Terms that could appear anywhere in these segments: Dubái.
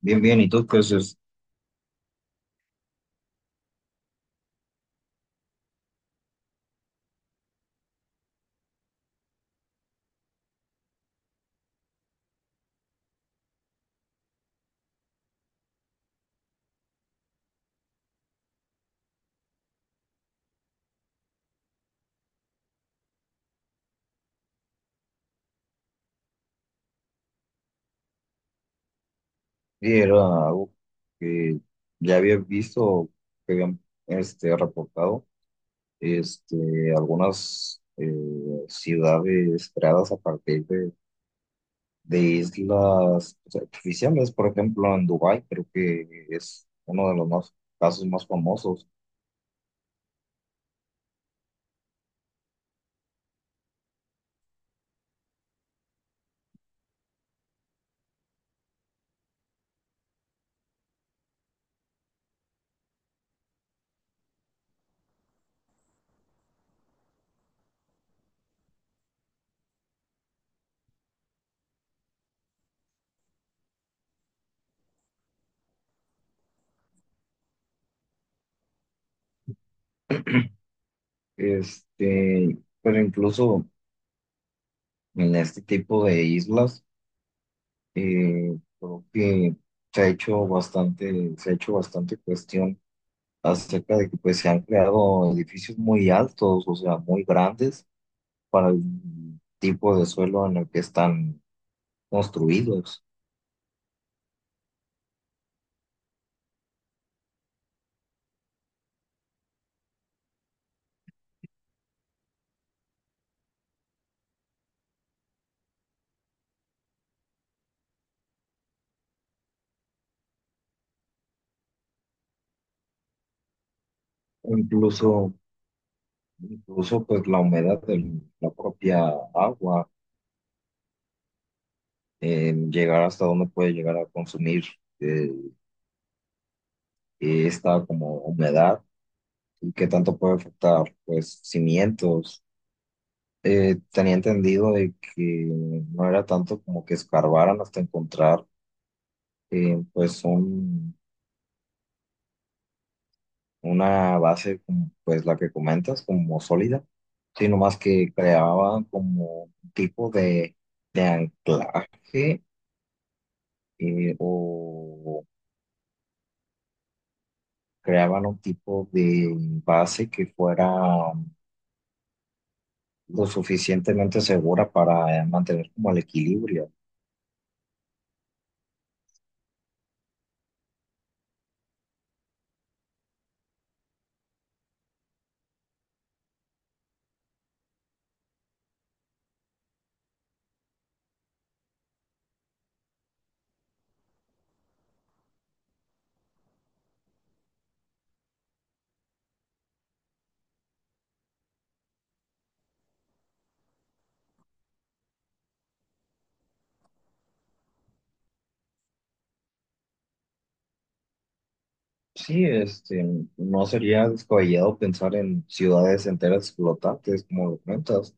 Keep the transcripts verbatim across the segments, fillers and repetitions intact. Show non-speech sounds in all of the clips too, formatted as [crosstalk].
Bien, bien, ¿y tú qué haces? Sí, era algo que ya había visto, que habían este, reportado este, algunas eh, ciudades creadas a partir de, de islas pues, artificiales, por ejemplo, en Dubái, creo que es uno de los más, casos más famosos. Este, pero incluso en este tipo de islas, eh, creo que se ha hecho bastante, se ha hecho bastante cuestión acerca de que pues se han creado edificios muy altos, o sea, muy grandes para el tipo de suelo en el que están construidos. Incluso, incluso pues la humedad de la propia agua, eh, llegar hasta donde puede llegar a consumir eh, esta como humedad y qué tanto puede afectar pues cimientos. Eh, tenía entendido de que no era tanto como que escarbaran hasta encontrar eh, pues un una base como pues la que comentas, como sólida, sino más que creaban como un tipo de, de anclaje eh, o creaban un tipo de base que fuera lo suficientemente segura para eh, mantener como el equilibrio. Sí, este, no sería descabellado pensar en ciudades enteras flotantes, como lo comentas,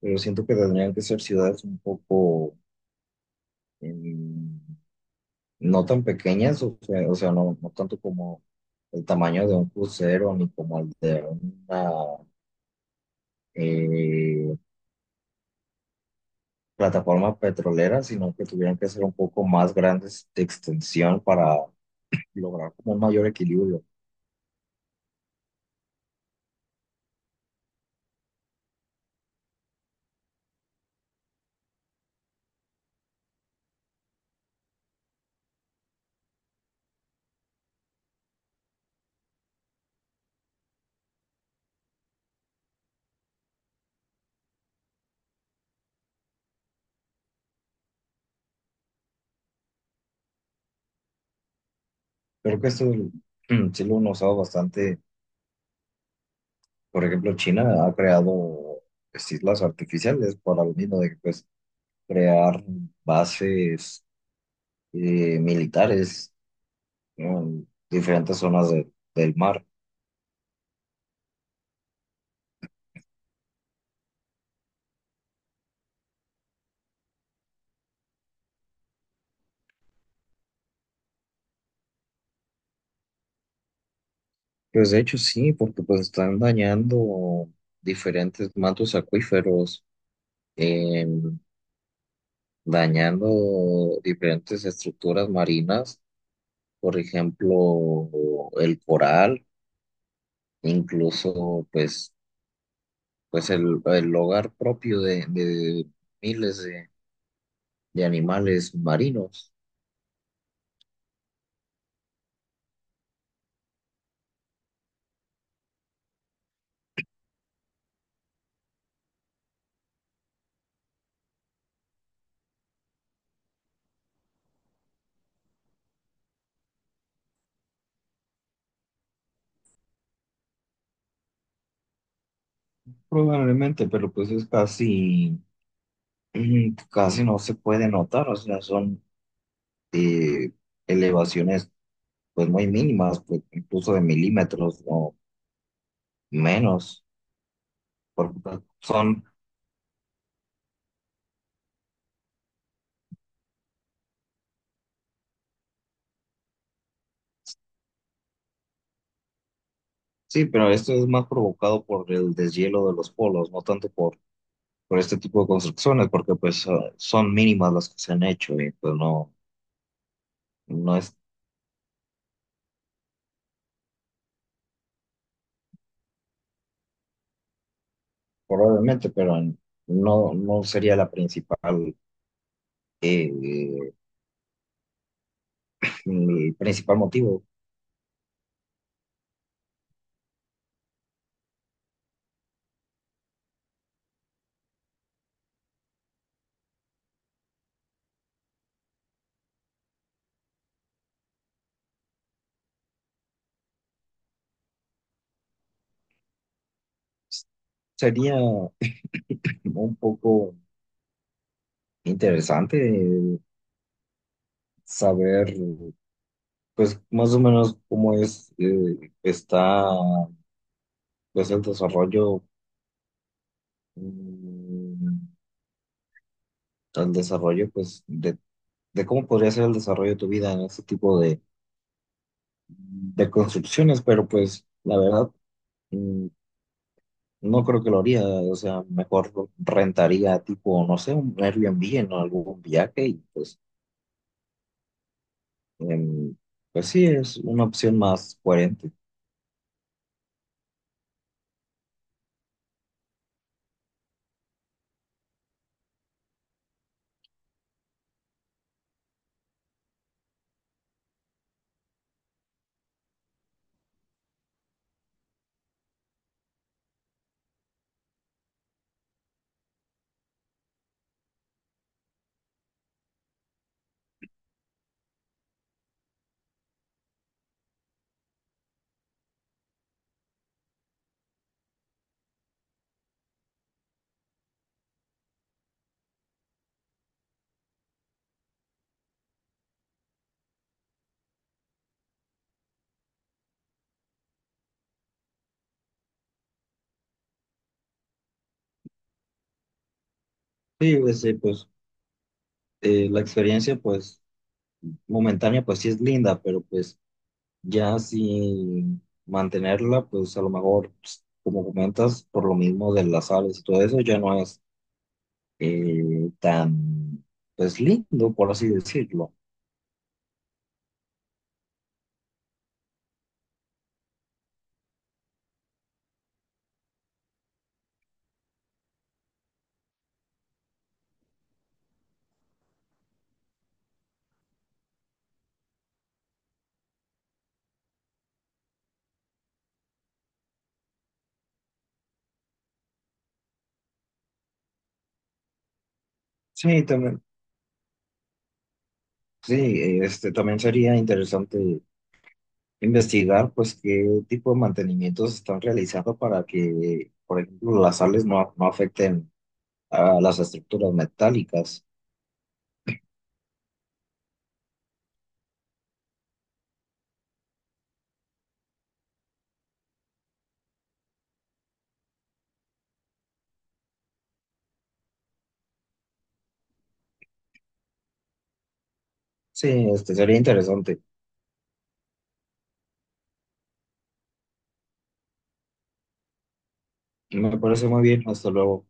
pero siento que tendrían que ser ciudades un poco... em, no tan pequeñas, o sea, o sea, no, no tanto como el tamaño de un crucero ni como el de una eh, plataforma petrolera, sino que tuvieran que ser un poco más grandes de extensión para lograr como un mayor equilibrio. Creo que esto mm, sí lo han usado bastante. Por ejemplo, China ha creado pues, islas artificiales para lo mismo de que pues, crear bases eh, militares, ¿no? En diferentes zonas de- del mar. Pues de hecho sí, porque pues están dañando diferentes mantos acuíferos, em, dañando diferentes estructuras marinas, por ejemplo, el coral, incluso pues, pues el, el hogar propio de, de miles de, de animales marinos. Probablemente, pero pues es casi, [clears throat] mm, casi no se puede notar, o sea, son eh, elevaciones pues muy mínimas, pues incluso de milímetros o menos, porque son, sí, pero esto es más provocado por el deshielo de los polos, no tanto por, por este tipo de construcciones, porque pues eh, son mínimas las que se han hecho y pues no, no es probablemente, pero no, no sería la principal, eh, el principal motivo. Sería un poco interesante saber. Pues más o menos cómo es, eh, está pues el desarrollo, mm, el desarrollo pues de, de cómo podría ser el desarrollo de tu vida en este tipo de, de construcciones, pero pues la verdad mm, no creo que lo haría, o sea, mejor lo rentaría tipo, no sé, un Airbnb en algún viaje y pues, em, pues sí, es una opción más coherente. Sí, pues, eh, pues eh, la experiencia pues momentánea pues sí es linda, pero pues ya sin mantenerla, pues a lo mejor, pues, como comentas, por lo mismo de las sales y todo eso, ya no es eh, tan, pues lindo, por así decirlo. Sí, también, sí, este, también sería interesante investigar, pues, qué tipo de mantenimientos están realizando para que, por ejemplo, las sales no, no afecten a las estructuras metálicas. Sí, este, sería interesante. Me parece muy bien, hasta luego.